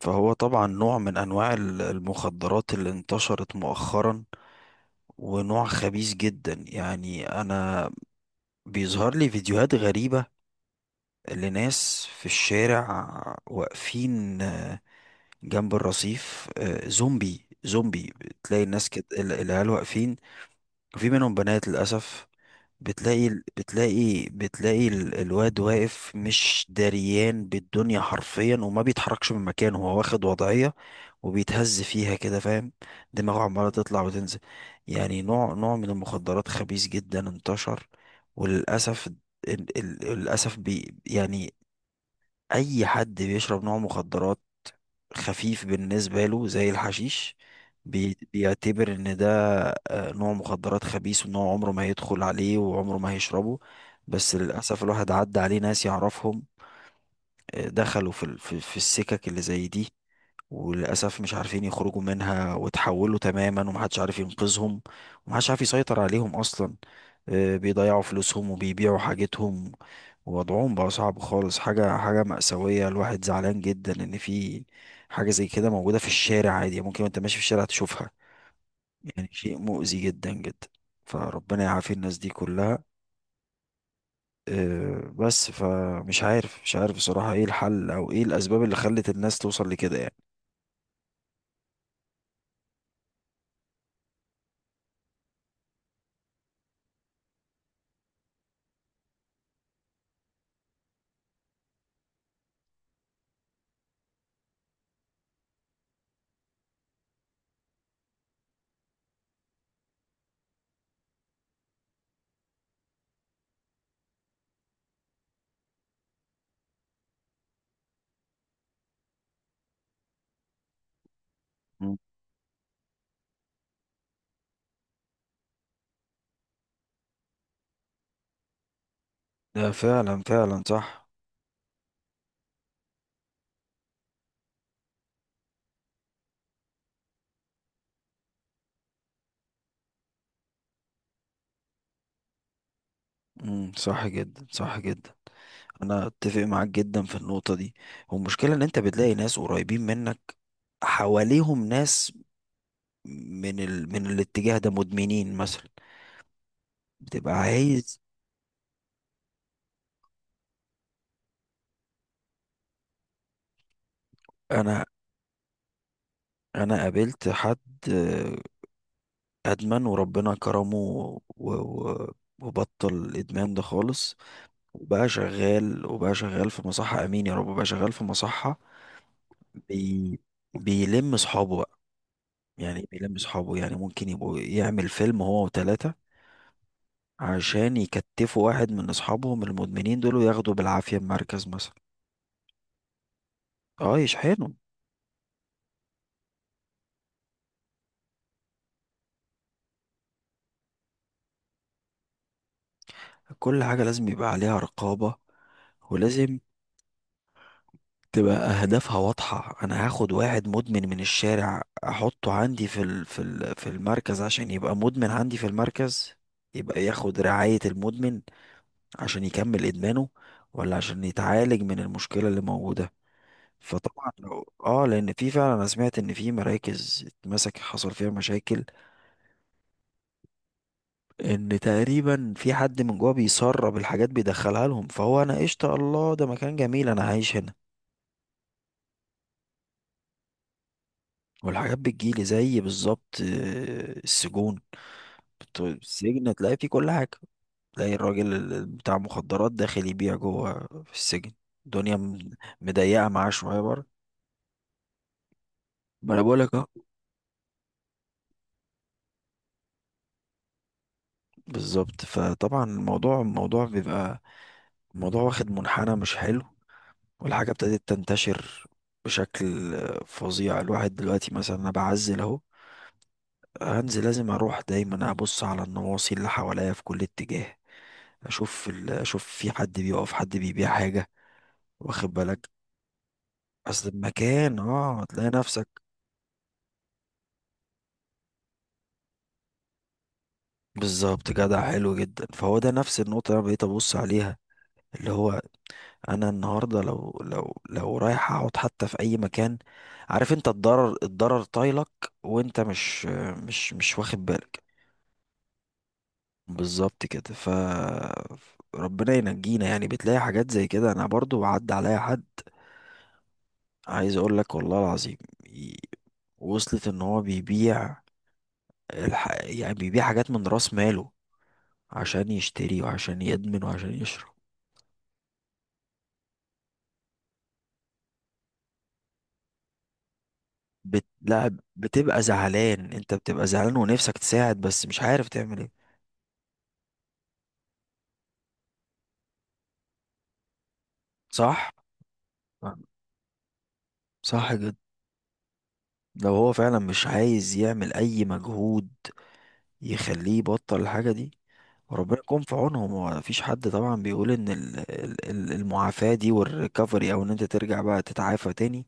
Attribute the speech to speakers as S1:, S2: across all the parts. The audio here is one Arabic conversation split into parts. S1: فهو طبعا نوع من انواع المخدرات اللي انتشرت مؤخرا، ونوع خبيث جدا. يعني انا بيظهر لي فيديوهات غريبة لناس في الشارع واقفين، جنب الرصيف، زومبي زومبي. تلاقي الناس كده العيال واقفين، وفي منهم بنات للاسف. بتلاقي بتلاقي الواد واقف مش دريان بالدنيا حرفيا، وما بيتحركش من مكانه، هو واخد وضعية وبيتهز فيها كده، فاهم. دماغه عمالة تطلع وتنزل. يعني نوع من المخدرات خبيث جدا انتشر. وللأسف ال- ال- للأسف بي يعني أي حد بيشرب نوع مخدرات خفيف بالنسبة له زي الحشيش بيعتبر ان ده نوع مخدرات خبيث، وان هو عمره ما هيدخل عليه وعمره ما هيشربه. بس للأسف الواحد عدى عليه ناس يعرفهم، دخلوا في ال- في في السكك اللي زي دي، وللأسف مش عارفين يخرجوا منها، وتحولوا تماما، ومحدش عارف ينقذهم، ومحدش عارف يسيطر عليهم أصلا. بيضيعوا فلوسهم وبيبيعوا حاجتهم، ووضعهم بقى صعب خالص. حاجة مأساوية. الواحد زعلان جدا إن في حاجة زي كده موجودة في الشارع عادي، ممكن وأنت ماشي في الشارع تشوفها. يعني شيء مؤذي جدا جدا. فربنا يعافي الناس دي كلها. بس فمش عارف مش عارف بصراحة ايه الحل او ايه الاسباب اللي خلت الناس توصل لكده يعني. مم. ده فعلا فعلا صح. امم، صح جدا، صح جدا. انا اتفق معاك جدا في النقطة دي. والمشكلة ان انت بتلاقي ناس قريبين منك، حواليهم ناس من الاتجاه ده مدمنين مثلا. بتبقى عايز. انا انا قابلت حد، آه، ادمن، وربنا كرمه وبطل الادمان ده خالص. وبقى شغال في مصحة. امين يا رب. بقى شغال في مصحة. بي... بيلم صحابه. يعني بيلم صحابه. يعني ممكن يبقوا يعمل فيلم هو وتلاتة، عشان يكتفوا واحد من اصحابهم المدمنين دول وياخدوا بالعافية المركز مثلا. اه، يشحنوا. كل حاجة لازم يبقى عليها رقابة، ولازم تبقى اهدافها واضحة. انا هاخد واحد مدمن من الشارع، احطه عندي في المركز، عشان يبقى مدمن عندي في المركز؟ يبقى ياخد رعاية المدمن عشان يكمل ادمانه، ولا عشان يتعالج من المشكلة اللي موجودة؟ فطبعا لو، اه، لان في فعلا، انا سمعت ان في مراكز اتمسك حصل فيها مشاكل، ان تقريبا في حد من جوه بيسرب الحاجات، بيدخلها لهم. فهو انا قشطه الله، ده مكان جميل انا عايش هنا، والحاجات بتجيلي. زي بالظبط السجون. السجن تلاقي فيه كل حاجه. تلاقي الراجل بتاع مخدرات داخل يبيع جوه في السجن. الدنيا مضيقه معاه شويه بره. ما انا بقولك. اه، بالظبط. فطبعا الموضوع، الموضوع بيبقى الموضوع واخد منحنى مش حلو، والحاجة ابتدت تنتشر بشكل فظيع. الواحد دلوقتي مثلا، أنا بعزل أهو، هنزل، لازم أروح دايما أبص على النواصي اللي حواليا في كل اتجاه. أشوف في حد بيقف، حد بيبيع حاجة، واخد بالك. أصل المكان، تلاقي نفسك بالظبط. جدع، حلو جدا. فهو ده نفس النقطة اللي أنا بقيت أبص عليها، اللي هو أنا النهاردة لو رايح أقعد حتى في أي مكان، عارف، أنت الضرر طايلك، وأنت مش واخد بالك. بالظبط كده، ربنا ينجينا. يعني بتلاقي حاجات زي كده. انا برضو عدى عليا حد عايز اقول لك والله العظيم، ي- وصلت ان هو بيبيع يعني بيبيع حاجات من راس ماله عشان يشتري وعشان يدمن وعشان يشرب. لا، بتبقى زعلان، انت بتبقى زعلان ونفسك تساعد بس مش عارف تعمل ايه. صح. صح جدا. لو هو فعلا مش عايز يعمل اي مجهود يخليه يبطل الحاجة دي، وربنا يكون في عونهم. هو مفيش حد طبعا بيقول ان المعافاة دي والريكفري، او ان انت ترجع بقى تتعافى تاني،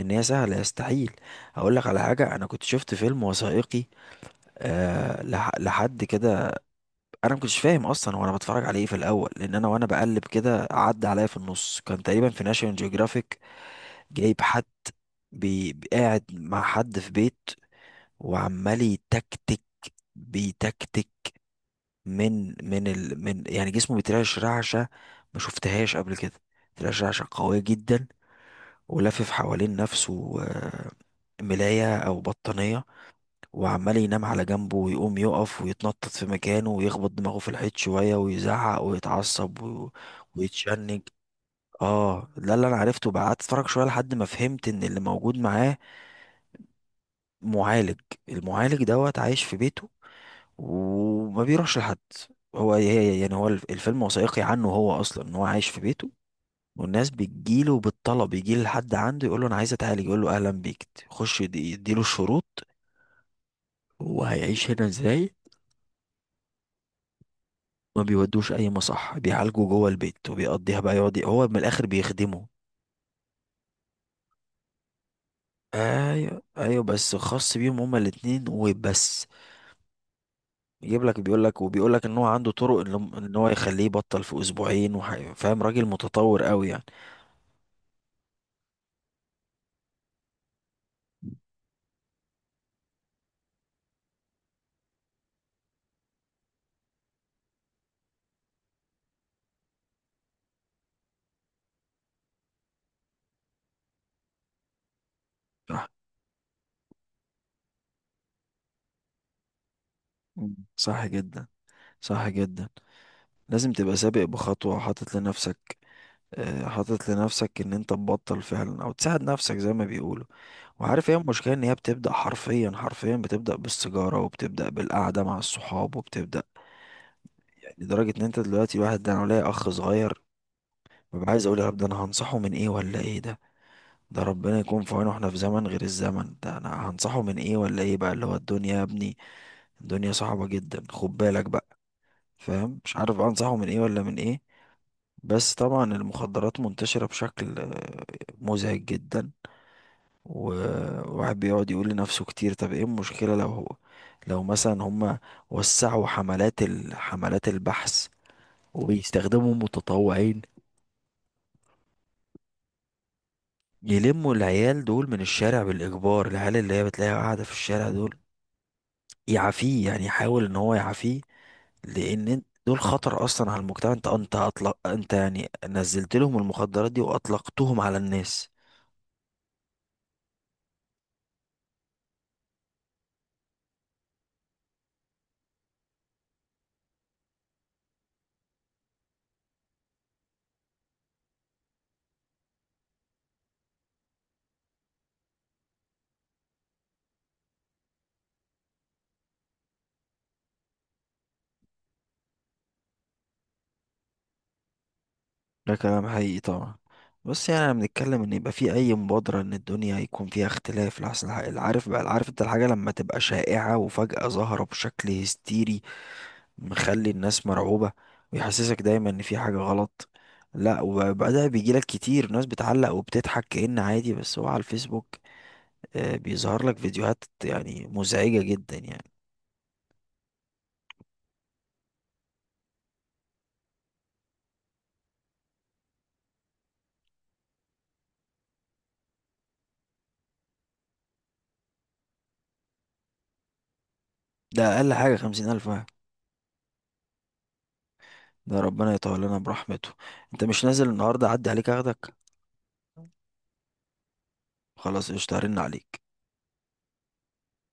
S1: ان هي سهلة. يستحيل. اقول لك على حاجة. انا كنت شفت فيلم وثائقي لحد كده. انا ما كنتش فاهم اصلا وانا بتفرج عليه إيه في الاول، لان انا وانا بقلب كده عدى عليا في النص. كان تقريبا في ناشيونال جيوغرافيك. جايب حد، قاعد مع حد في بيت وعمال يتكتك. بيتكتك من يعني جسمه بيترعش رعشة ما شفتهاش قبل كده. بيترعش رعشة قوية جدا، ولافف حوالين نفسه ملاية أو بطانية، وعمال ينام على جنبه ويقوم يقف، ويتنطط في مكانه، ويخبط دماغه في الحيط شوية، ويزعق ويتعصب ويتشنج. اه، ده اللي انا عرفته بقى. قعدت اتفرج شويه لحد ما فهمت ان اللي موجود معاه معالج. المعالج دوت عايش في بيته، وما بيروحش لحد. هو الفيلم وثائقي عنه، هو اصلا ان هو عايش في بيته، والناس بتجيله بالطلب. يجي لحد عنده يقول له انا عايز اتعالج، يقول له اهلا بيك، يخش يديله الشروط، هو هيعيش هنا ازاي. ما بيودوش اي مصح، بيعالجه جوه البيت، وبيقضيها بقى، يقعد هو من الاخر بيخدمه. ايوه، ايوه، بس خاص بيهم هما الاتنين وبس. يجيب لك، بيقول لك ان هو عنده طرق، ان إن هو يخليه يبطل في اسبوعين، فاهم. راجل متطور قوي يعني. صح. مم. صح جدا. صح جدا. لازم تبقى سابق بخطوة، حاطط لنفسك، ان انت تبطل فعلا او تساعد نفسك زي ما بيقولوا. وعارف ايه المشكلة؟ ان هي بتبدأ حرفيا، حرفيا بتبدأ بالسيجارة، وبتبدأ بالقعدة مع الصحاب، وبتبدأ. يعني لدرجة ان انت دلوقتي، الواحد ده، انا ليا اخ صغير، ببقى عايز اقول يا رب، ده انا هنصحه من ايه ولا ايه؟ ده ده ربنا يكون في عونه. احنا في زمن غير الزمن ده، انا هنصحه من ايه ولا ايه بقى؟ اللي هو الدنيا يا ابني، الدنيا صعبة جدا، خد بالك بقى، فاهم. مش عارف بقى انصحه من ايه ولا من ايه. بس طبعا المخدرات منتشرة بشكل مزعج جدا. وواحد بيقعد يقول لنفسه كتير، طب ايه المشكلة لو مثلا هما وسعوا حملات البحث، وبيستخدموا متطوعين، يلموا العيال دول من الشارع بالإجبار، العيال اللي هي بتلاقيها قاعدة في الشارع دول، يعافيه، يعني يحاول ان هو يعافيه. لان دول خطر اصلا على المجتمع. انت اطلق، انت يعني نزلت لهم المخدرات دي واطلقتهم على الناس. ده كلام حقيقي طبعا. بس يعني انا بنتكلم ان يبقى في اي مبادرة، ان الدنيا يكون فيها اختلاف لحسن، الحق، العارف، انت الحاجة لما تبقى شائعة وفجأة ظاهرة بشكل هستيري مخلي الناس مرعوبة، ويحسسك دايما ان في حاجة غلط. لا، وبقى ده بيجيلك كتير ناس بتعلق وبتضحك كأن عادي، بس هو على الفيسبوك بيظهر لك فيديوهات يعني مزعجة جدا يعني. ده أقل حاجة 50,000 واحد. ده ربنا يطول لنا برحمته. أنت مش نازل النهاردة أعدي عليك أخدك. خلاص قشطة، هرن عليك.